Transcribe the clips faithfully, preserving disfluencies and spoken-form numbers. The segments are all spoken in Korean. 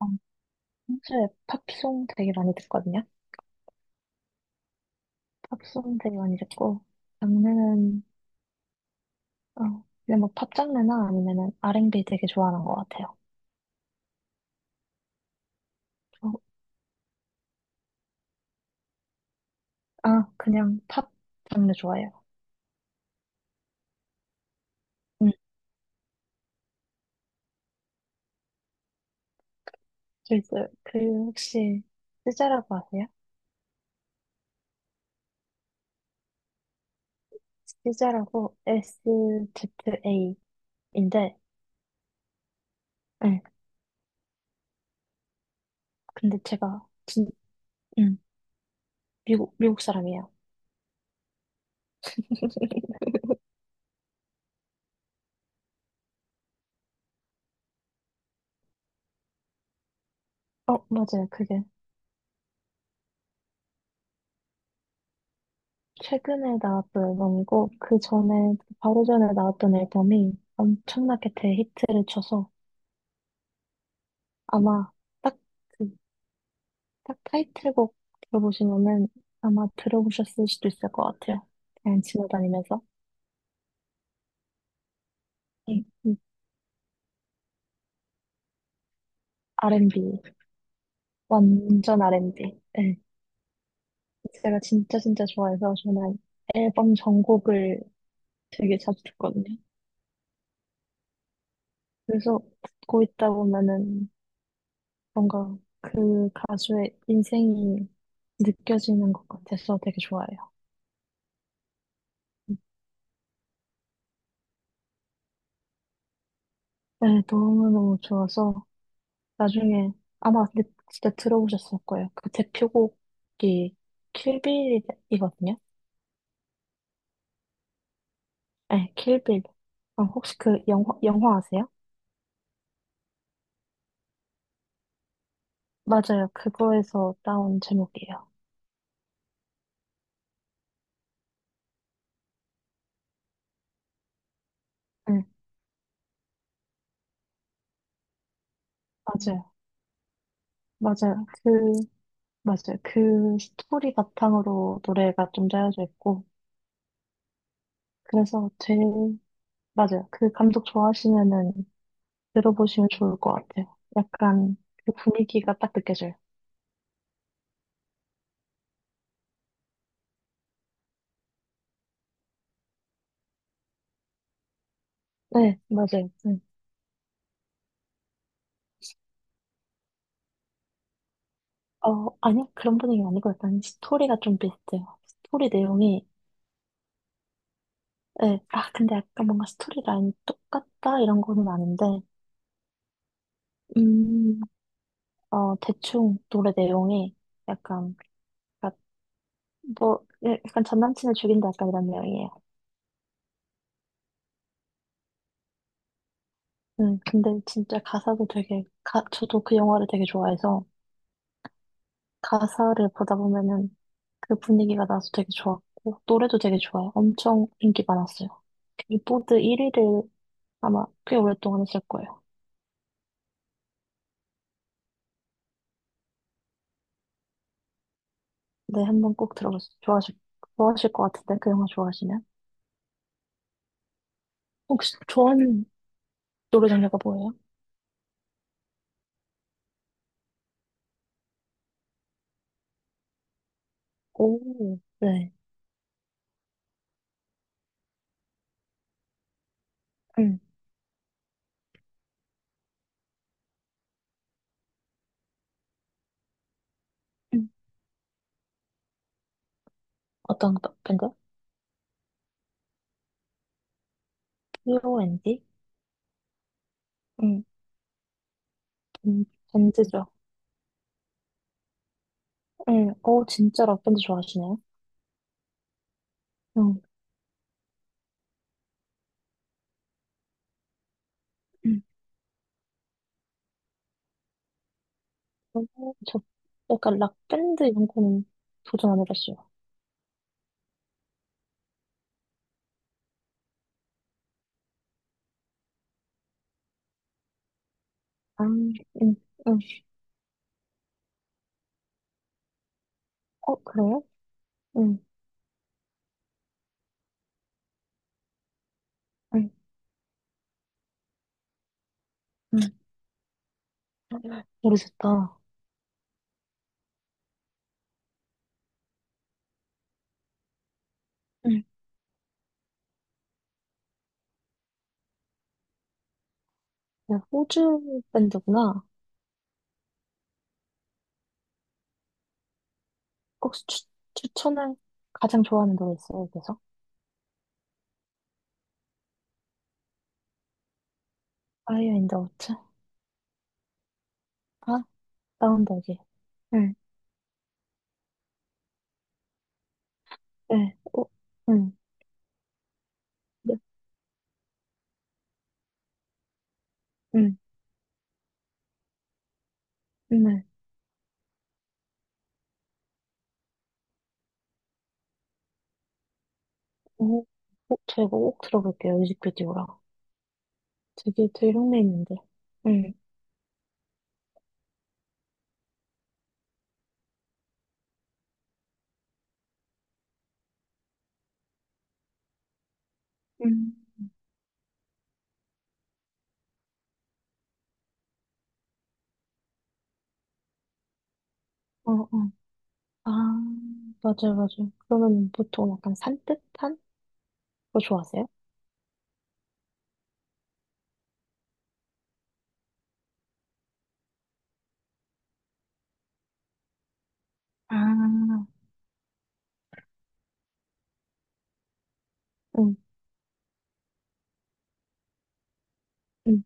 어, 평소에 팝송 되게 많이 듣거든요. 팝송 되게 많이 듣고 장르는 어, 그냥 뭐팝 장르나 아니면은 알앤비 되게 좋아하는 것 같아요. 어, 아 그냥 팝 장르 좋아해요. 음, 저 있어요. 그 혹시 스자라고 아세요? 스자라고 스자인데, 네, 근데 제가 진, 음, 미국 미국 사람이에요. 어 맞아요. 그게 최근에 나왔던 앨범이고 그 전에 바로 전에 나왔던 앨범이 엄청나게 대히트를 쳐서 아마 딱 그 딱 타이틀곡 들어보시면은 아마 들어보셨을 수도 있을 것 같아요. 그냥 지나다니면서 네, 음, 알앤비 완전 알앤비. 네. 제가 진짜 진짜 좋아해서 저는 앨범 전곡을 되게 자주 듣거든요. 그래서 듣고 있다 보면은 뭔가 그 가수의 인생이 느껴지는 것 같아서 되게 좋아요. 네, 너무너무 좋아서 나중에 아마 근데 진짜 들어보셨을 거예요. 그 대표곡이 킬빌이거든요. 네, 킬빌. 어, 혹시 그 영화, 영화 아세요? 맞아요. 그거에서 따온 제목이에요. 네, 맞아요. 맞아요. 그, 맞아요. 그 스토리 바탕으로 노래가 좀 짜여져 있고, 그래서 제일, 맞아요. 그 감독 좋아하시면은 들어보시면 좋을 것 같아요. 약간 그 분위기가 딱 느껴져요. 네, 맞아요. 네. 어, 아니, 그런 분위기 아니고 약간 스토리가 좀 비슷해요. 스토리 내용이, 네. 아, 근데 약간 뭔가 스토리 라인이 똑같다 이런 거는 아닌데, 음, 어, 대충 노래 내용이 약간, 그러니까 뭐, 예, 약간 전 남친을 죽인다 약간 이런 내용이에요. 음, 근데 진짜 가사도 되게, 가, 저도 그 영화를 되게 좋아해서 가사를 보다 보면은 그 분위기가 나서 되게 좋았고, 노래도 되게 좋아요. 엄청 인기 많았어요. 빌보드 일 위를 아마 꽤 오랫동안 했을 거예요. 네, 한번 꼭 들어보세요. 좋아하실, 좋아하실 것 같은데, 그 영화 좋아하시면. 혹시 좋아하는 노래 장르가 뭐예요? 오, 네. 음, 음. 어떤 거- 밴드? 비오엔디 음, 음, 밴드죠. 음, 오, 진짜 락밴드 좋아하시네요. 음, 음. 어, 저 약간 락밴드 이런 거는 도전 안 해봤어요. 아, 음, 음. 어, 그래요? 응. 응, 응, 모르겠다. 응. 야, 호주 밴드구나. 혹시 추, 추천할 가장 좋아하는 노래 있어요, 그래서? 파이어 인더 워터? 아, 다운버기. 응. 네, 어, 응. 네, 응, 네. 어, 어, 제가 꼭 들어볼게요, 뮤직비디오랑. 되게 들형내 있는데. 응. 응. 어, 어. 아, 맞아요, 맞아요. 그러면 보통 약간 산뜻한 거 좋아하세요? 아, 응, 응.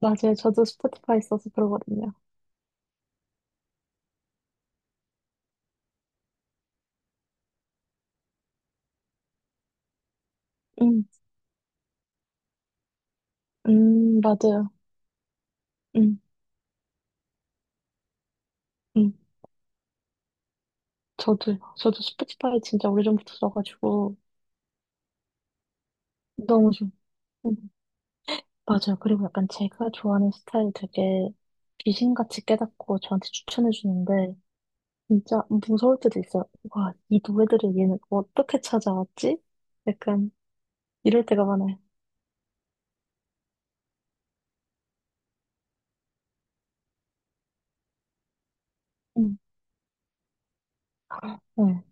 맞아요. 저도 스포티파이 써서 그러거든요. 응. 음, 맞아요. 음, 음. 저도요. 저도 스포티파이 진짜 오래전부터 써가지고 너무 좋. 음, 맞아요. 그리고 약간 제가 좋아하는 스타일 되게 귀신같이 깨닫고 저한테 추천해 주는데 진짜 무서울 때도 있어요. 와, 이 노래들을 얘는 어떻게 찾아왔지? 약간 이럴 때가 많아요. 음, 네.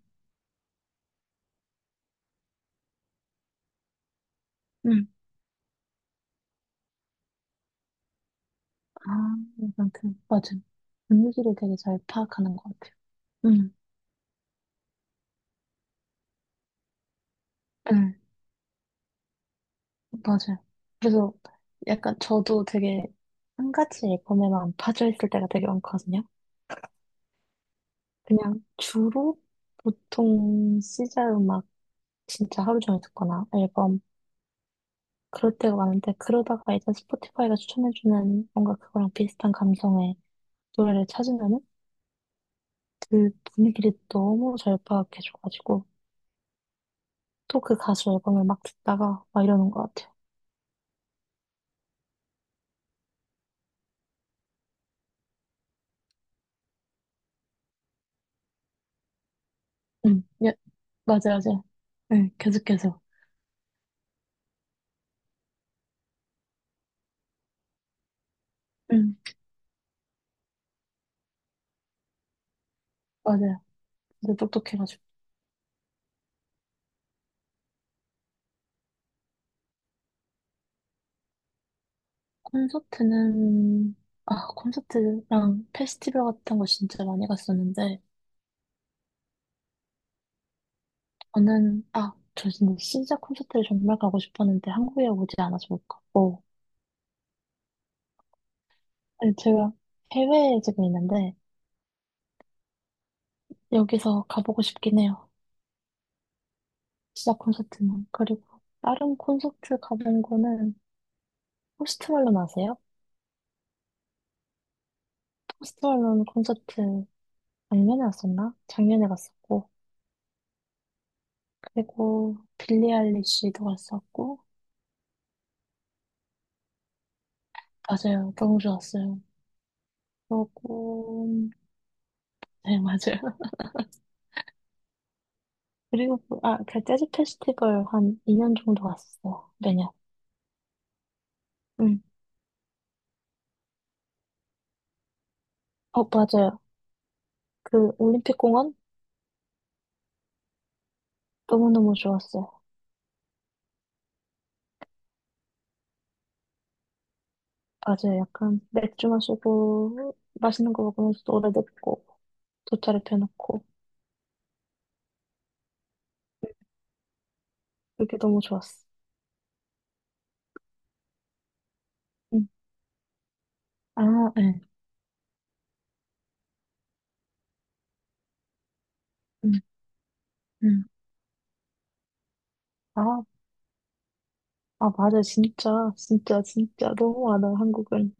음. 아, 약간 그 맞아요. 분위기를 되게 잘 파악하는 것 같아요. 음, 네. 맞아요. 그래서 약간 저도 되게 한 가지 앨범에만 빠져 있을 때가 되게 많거든요. 그냥 주로 보통 시자 음악 진짜 하루 종일 듣거나 앨범 그럴 때가 많은데 그러다가 일단 스포티파이가 추천해주는 뭔가 그거랑 비슷한 감성의 노래를 찾으면은 그 분위기를 너무 잘 파악해줘가지고 또 그 가수 앨범을 막 듣다가 막 이러는 것 같아요. 응, 예, 맞아요, 맞아요. 응, 계속 계속. 응, 맞아요. 근데 똑똑해가지고. 콘서트는, 아, 콘서트랑 페스티벌 같은 거 진짜 많이 갔었는데, 저는, 아, 저 진짜 진자 콘서트를 정말 가고 싶었는데, 한국에 오지 않아서 못 갔고, 아니, 제가 해외에 지금 있는데, 여기서 가보고 싶긴 해요. 시자 콘서트는. 그리고 다른 콘서트 가본 거는, 포스트 말론 아세요? 포스트 말론 콘서트 작년에 갔었나? 작년에 갔었고, 그리고 빌리 아일리시도 갔었고, 맞아요. 너무 좋았어요. 그러고, 네, 맞아요. 그리고, 그- 아, 그 재즈 페스티벌 한 이 년 정도 갔었어요. 매년. 응. 어, 맞아요. 그 올림픽 공원? 너무너무 좋았어요. 맞아요. 약간 맥주 마시고, 맛있는 거 먹으면서 노래 듣고, 돗자리 펴놓고. 그게 너무 좋았어. 응. 아, 네. 응, 응. 아, 아, 맞아. 진짜, 진짜, 진짜. 너무 많아, 한국은.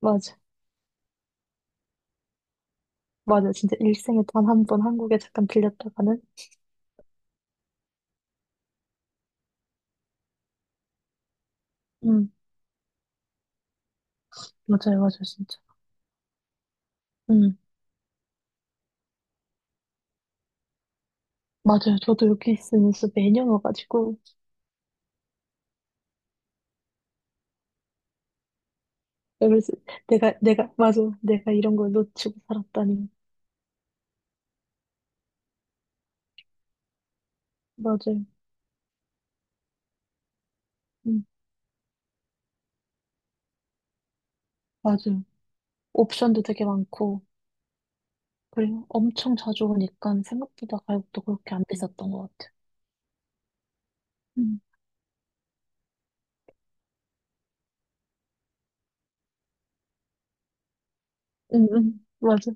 맞아. 맞아. 진짜 일생에 단 한 번 한국에 잠깐 들렸다가는. 응. 맞아요. 맞아요. 진짜. 응. 맞아요. 저도 여기 있으면서 매년 와가지고 그래서 내가 내가 맞아. 내가 이런 걸 놓치고 살았다니. 맞아요. 음, 맞아요. 옵션도 되게 많고 그리고 엄청 자주 오니까 생각보다 가격도 그렇게 안 비쌌던 것 같아요. 음, 음, 음. 맞아,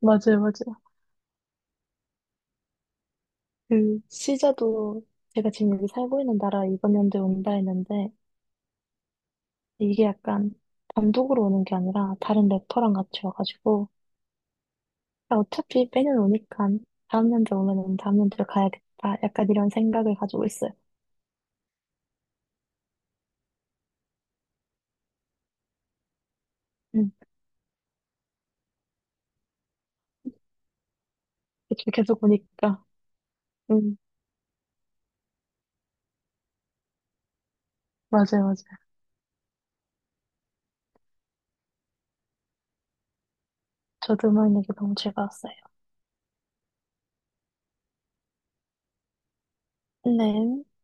맞아요, 맞아요. 그 시자도 제가 지금 여기 살고 있는 나라 이번 연도에 온다 했는데 이게 약간 단독으로 오는 게 아니라 다른 래퍼랑 같이 와가지고 아, 어차피 빼는 오니까 다음 연도 오면은 다음 연도에 가야겠다. 약간 이런 생각을 가지고 있어요. 음, 계속 계속 오니까. 음, 맞아요, 맞아요. 저도 음악 얘기 너무 즐거웠어요. 네.